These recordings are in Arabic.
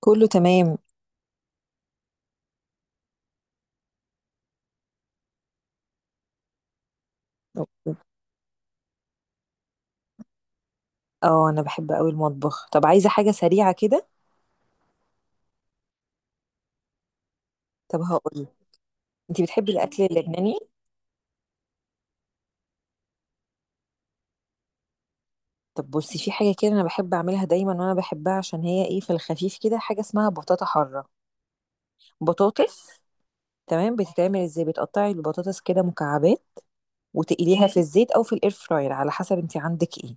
كله تمام. اه انا بحب قوي المطبخ. طب عايزه حاجه سريعه كده؟ طب هقول، انت بتحبي الاكل اللبناني؟ طب بصي، في حاجه كده انا بحب اعملها دايما وانا بحبها، عشان هي ايه، في الخفيف كده، حاجه اسمها بطاطا حاره. بطاطس. تمام، بتتعمل ازاي؟ بتقطعي البطاطس كده مكعبات، وتقليها في الزيت او في الاير فراير، على حسب انت عندك ايه.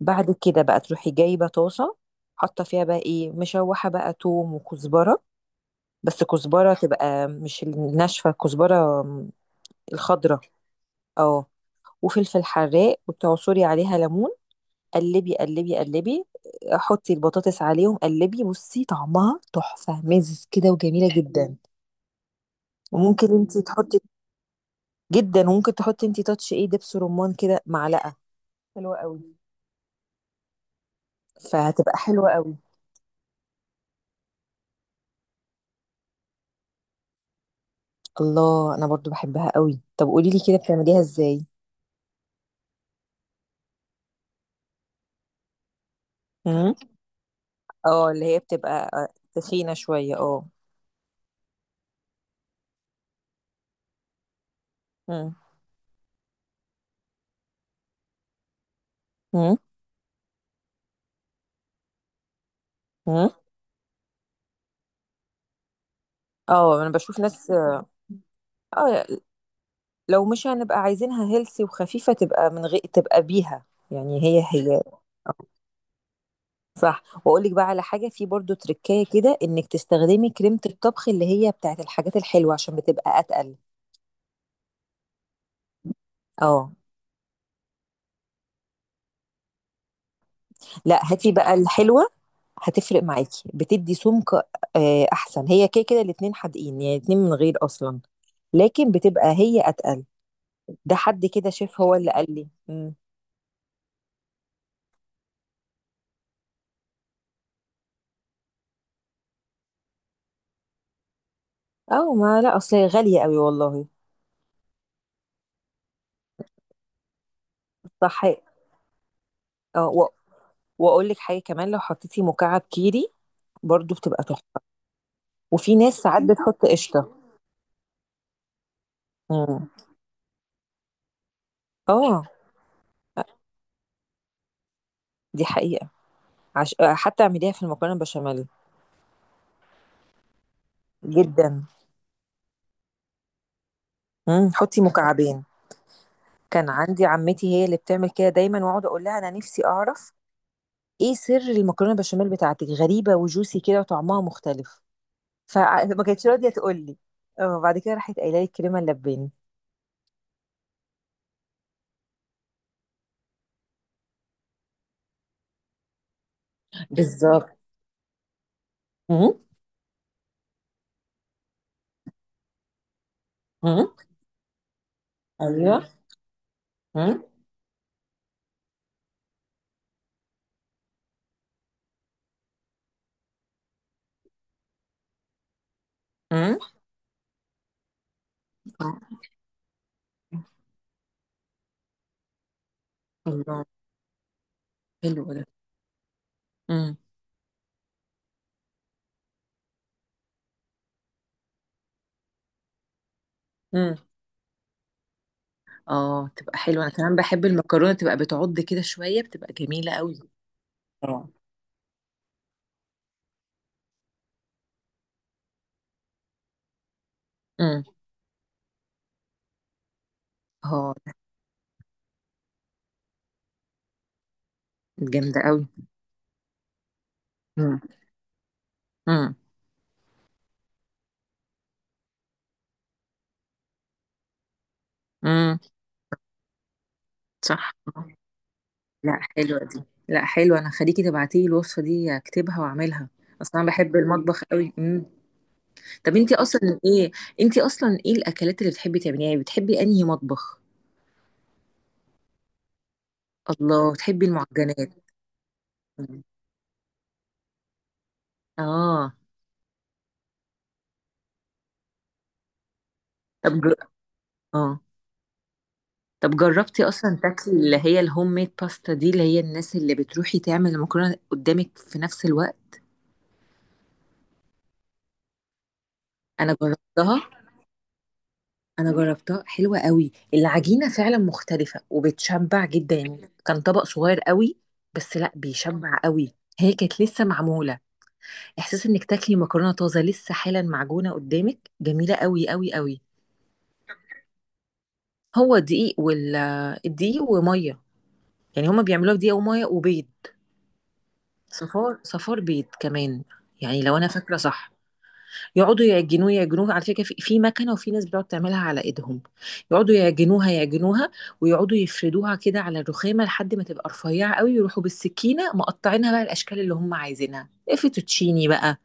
بعد كده بقى تروحي جايبه طاسه، حاطه فيها بقى ايه، مشوحه بقى توم وكزبره، بس كزبره تبقى مش الناشفه، كزبره الخضره. اه. وفلفل حراق وتعصري عليها ليمون، قلبي قلبي قلبي. حطي البطاطس عليهم، قلبي، بصي طعمها تحفة مزز كده وجميلة جدا. وممكن انت تحطي جدا، وممكن تحطي انت تاتش ايه، دبس رمان كده معلقة، حلوة قوي، فهتبقى حلوة قوي. الله، انا برضو بحبها قوي، طب قولي لي كده بتعمليها ازاي؟ امم اه، اللي هي بتبقى تخينة شوية، اه. امم. امم. اه انا بشوف ناس، اه. آه، لو مش هنبقى عايزينها هيلثي وخفيفة، تبقى من غير، تبقى بيها يعني، هي هي. آه، صح، واقول لك بقى على حاجة، في برضو تركاية كده، انك تستخدمي كريمة الطبخ اللي هي بتاعت الحاجات الحلوة عشان بتبقى اتقل. اه. لا هاتي بقى الحلوة، هتفرق معاكي، بتدي سمك. احسن هي كده كده الاتنين حادقين يعني، الاتنين من غير اصلا، لكن بتبقى هي اتقل. ده حد كده شاف، هو اللي قال لي. مم. اه، ما لا، اصل هي غالية قوي والله. صح. اه، واقول لك حاجه كمان، لو حطيتي مكعب كيري برضو بتبقى تحفه. وفي ناس ساعات بتحط قشطه. امم اه دي حقيقه. حتى اعمليها في المكرونه البشاميل جدا. حطي مكعبين. كان عندي عمتي هي اللي بتعمل كده دايما، واقعد اقول لها انا نفسي اعرف ايه سر المكرونه البشاميل بتاعتك، غريبه وجوسي كده وطعمها مختلف، فما كانتش راضيه تقول لي، اه بعد كده راحت قايله لي الكريمه اللباني. بالظبط. امم. امم. ايوه. امم. امم. الله. حلو ده. امم. امم. اه، تبقى حلوه. انا كمان بحب المكرونه تبقى بتعض كده شويه، بتبقى جميله قوي. اه. امم. اه، جامده قوي. امم. امم. امم. صح. لا حلوه دي، لا حلوه، انا خليكي تبعتي لي الوصفه دي، اكتبها واعملها. اصلا انا بحب المطبخ قوي. امم. طب انتي اصلا ايه، انتي اصلا ايه الاكلات اللي بتحبي تعمليها؟ يعني بتحبي انهي مطبخ؟ الله، بتحبي المعجنات. مم. اه. طب اه، طب جربتي اصلا تاكلي اللي هي الهوم ميد باستا دي، اللي هي الناس اللي بتروحي تعمل المكرونه قدامك في نفس الوقت؟ انا جربتها، انا جربتها حلوه قوي، العجينه فعلا مختلفه وبتشبع جدا، يعني كان طبق صغير قوي بس لا بيشبع قوي، هي كانت لسه معموله. احساس انك تاكلي مكرونه طازه لسه حالا معجونه قدامك، جميله قوي قوي قوي. هو دقيق الدقيق وميه، يعني هما بيعملوها بدقيق وميه وبيض. صفار، صفار بيض كمان، يعني لو انا فاكره صح. يقعدوا يعجنوه يعجنوه، على فكره، في مكنه، وفي ناس بتقعد تعملها على ايدهم، يقعدوا يعجنوها يعجنوها، ويقعدوا يفردوها كده على الرخامه لحد ما تبقى رفيعه قوي، يروحوا بالسكينه مقطعينها بقى الاشكال اللي هم عايزينها، إيه، فيتوتشيني بقى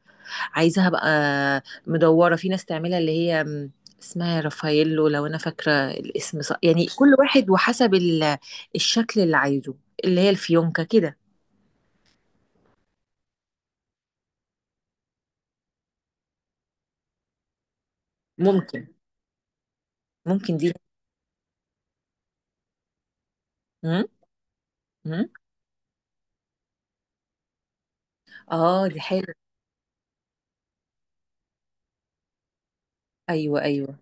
عايزاها بقى مدوره، في ناس تعملها اللي هي اسمها رافاييلو لو انا فاكره الاسم صح، يعني كل واحد وحسب الشكل اللي عايزه، اللي هي الفيونكه كده. ممكن. ممكن دي. مم؟ مم؟ اه دي حلوه. ايوه ايوه.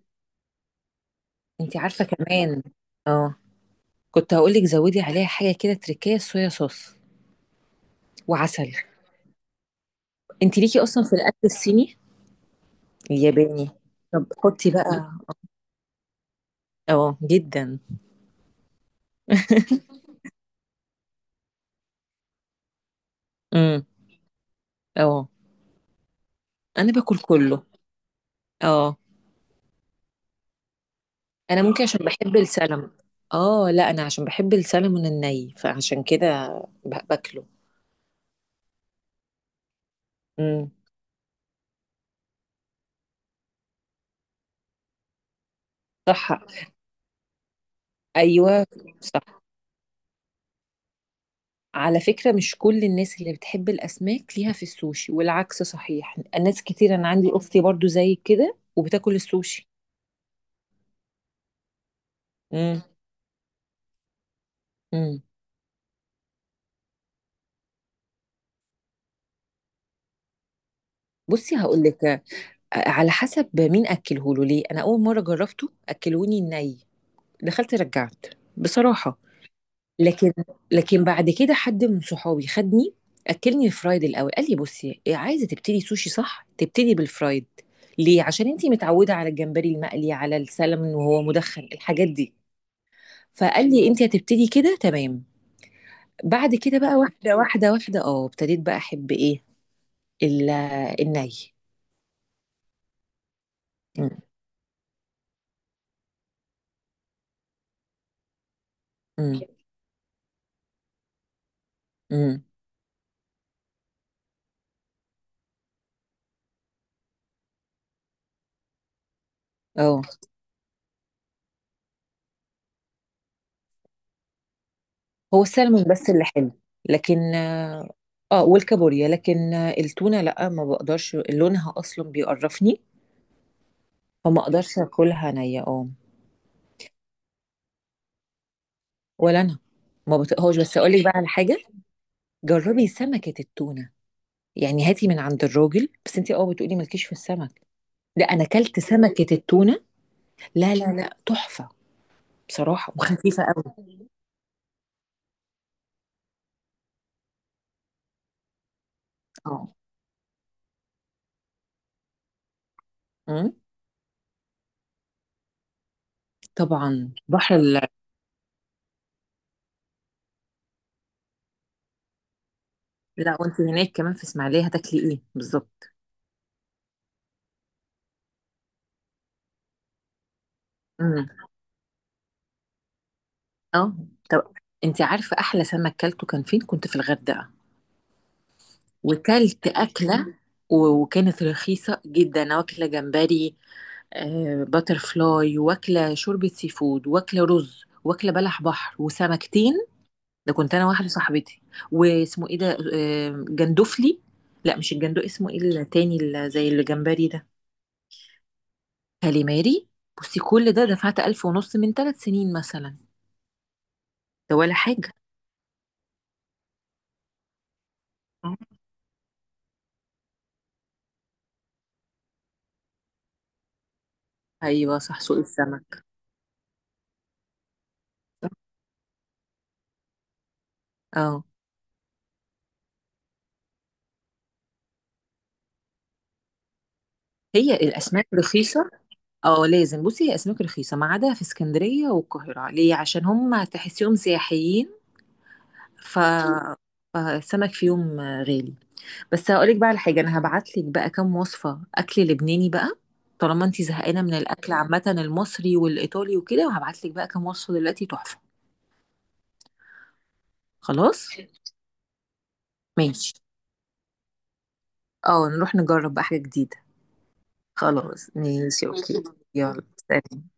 انت عارفه كمان، اه كنت هقولك زودي عليها حاجه كده تركيه، صويا صوص وعسل. انت ليكي اصلا في الاكل الصيني الياباني؟ طب حطي بقى. اه جدا. امم. اه انا باكل كله. اه. انا ممكن عشان بحب اه لا، انا عشان بحب السلمون الني فعشان كده باكله. امم. صح. ايوه. صح. على فكرة مش كل الناس اللي بتحب الأسماك ليها في السوشي، والعكس صحيح، ناس كتير، أنا عندي أختي برضو زي كده وبتاكل السوشي. امم. امم. بصي هقول لك، على حسب مين أكله له. ليه؟ أنا أول مرة جربته أكلوني الني، دخلت رجعت بصراحة. لكن، لكن بعد كده حد من صحابي خدني أكلني الفرايد الأول، قال لي بصي عايزة تبتدي سوشي صح، تبتدي بالفرايد. ليه؟ عشان انتي متعودة على الجمبري المقلي، على السلمون وهو مدخن، الحاجات دي. فقال لي انت هتبتدي كده تمام. بعد كده بقى واحده واحده واحده، اه ابتديت بقى احب ايه، ال- الني. م- م- م. اه، هو السلمون بس اللي حلو، لكن اه والكابوريا. لكن التونه لا ما بقدرش، لونها اصلا بيقرفني، فما اقدرش اكلها نيه، اه. ولا انا، ما بطقهاش، بس اقول لك بقى على حاجه، جربي سمكه التونه، يعني هاتي من عند الراجل، بس انت اه بتقولي مالكيش في السمك، لا انا اكلت سمكه التونه، لا لا لا، تحفه بصراحة، وخفيفة قوي، اه. امم. طبعا بحر لا وانت هناك كمان في اسماعيلية هتاكلي ايه بالظبط؟ امم. اه. طب انت عارفة احلى سمك كلته كان فين؟ كنت في الغردقة وكلت أكلة، وكانت رخيصة جدا، أنا واكلة جمبري، آه، باتر فلاي، واكلة شوربة سي فود، واكلة رز، واكلة بلح بحر، وسمكتين. ده كنت أنا واحدة صاحبتي. واسمه ايه ده، آه، جندفلي، لا مش الجندو، اسمه ايه التاني اللي زي الجمبري ده، كاليماري. بصي كل ده دفعت 1500 من 3 سنين مثلا. ده ولا حاجة. آه، أيوة صح، سوق السمك. صح. اه، هي الأسماك رخيصة. اه لازم، بصي هي أسماك رخيصة، ما عدا في اسكندرية والقاهرة ليه، عشان هم تحسيهم سياحيين، ف فالسمك فيهم غالي. بس هقولك بقى على حاجة، أنا هبعتلك بقى كام وصفة أكل لبناني بقى، طالما انتي زهقانة من الأكل عامة المصري والإيطالي وكده، وهبعتلك بقى كام وصفة دلوقتي تحفة. خلاص ماشي، اه نروح نجرب بقى حاجة جديدة. خلاص ماشي، اوكي ماشي. يلا سلام.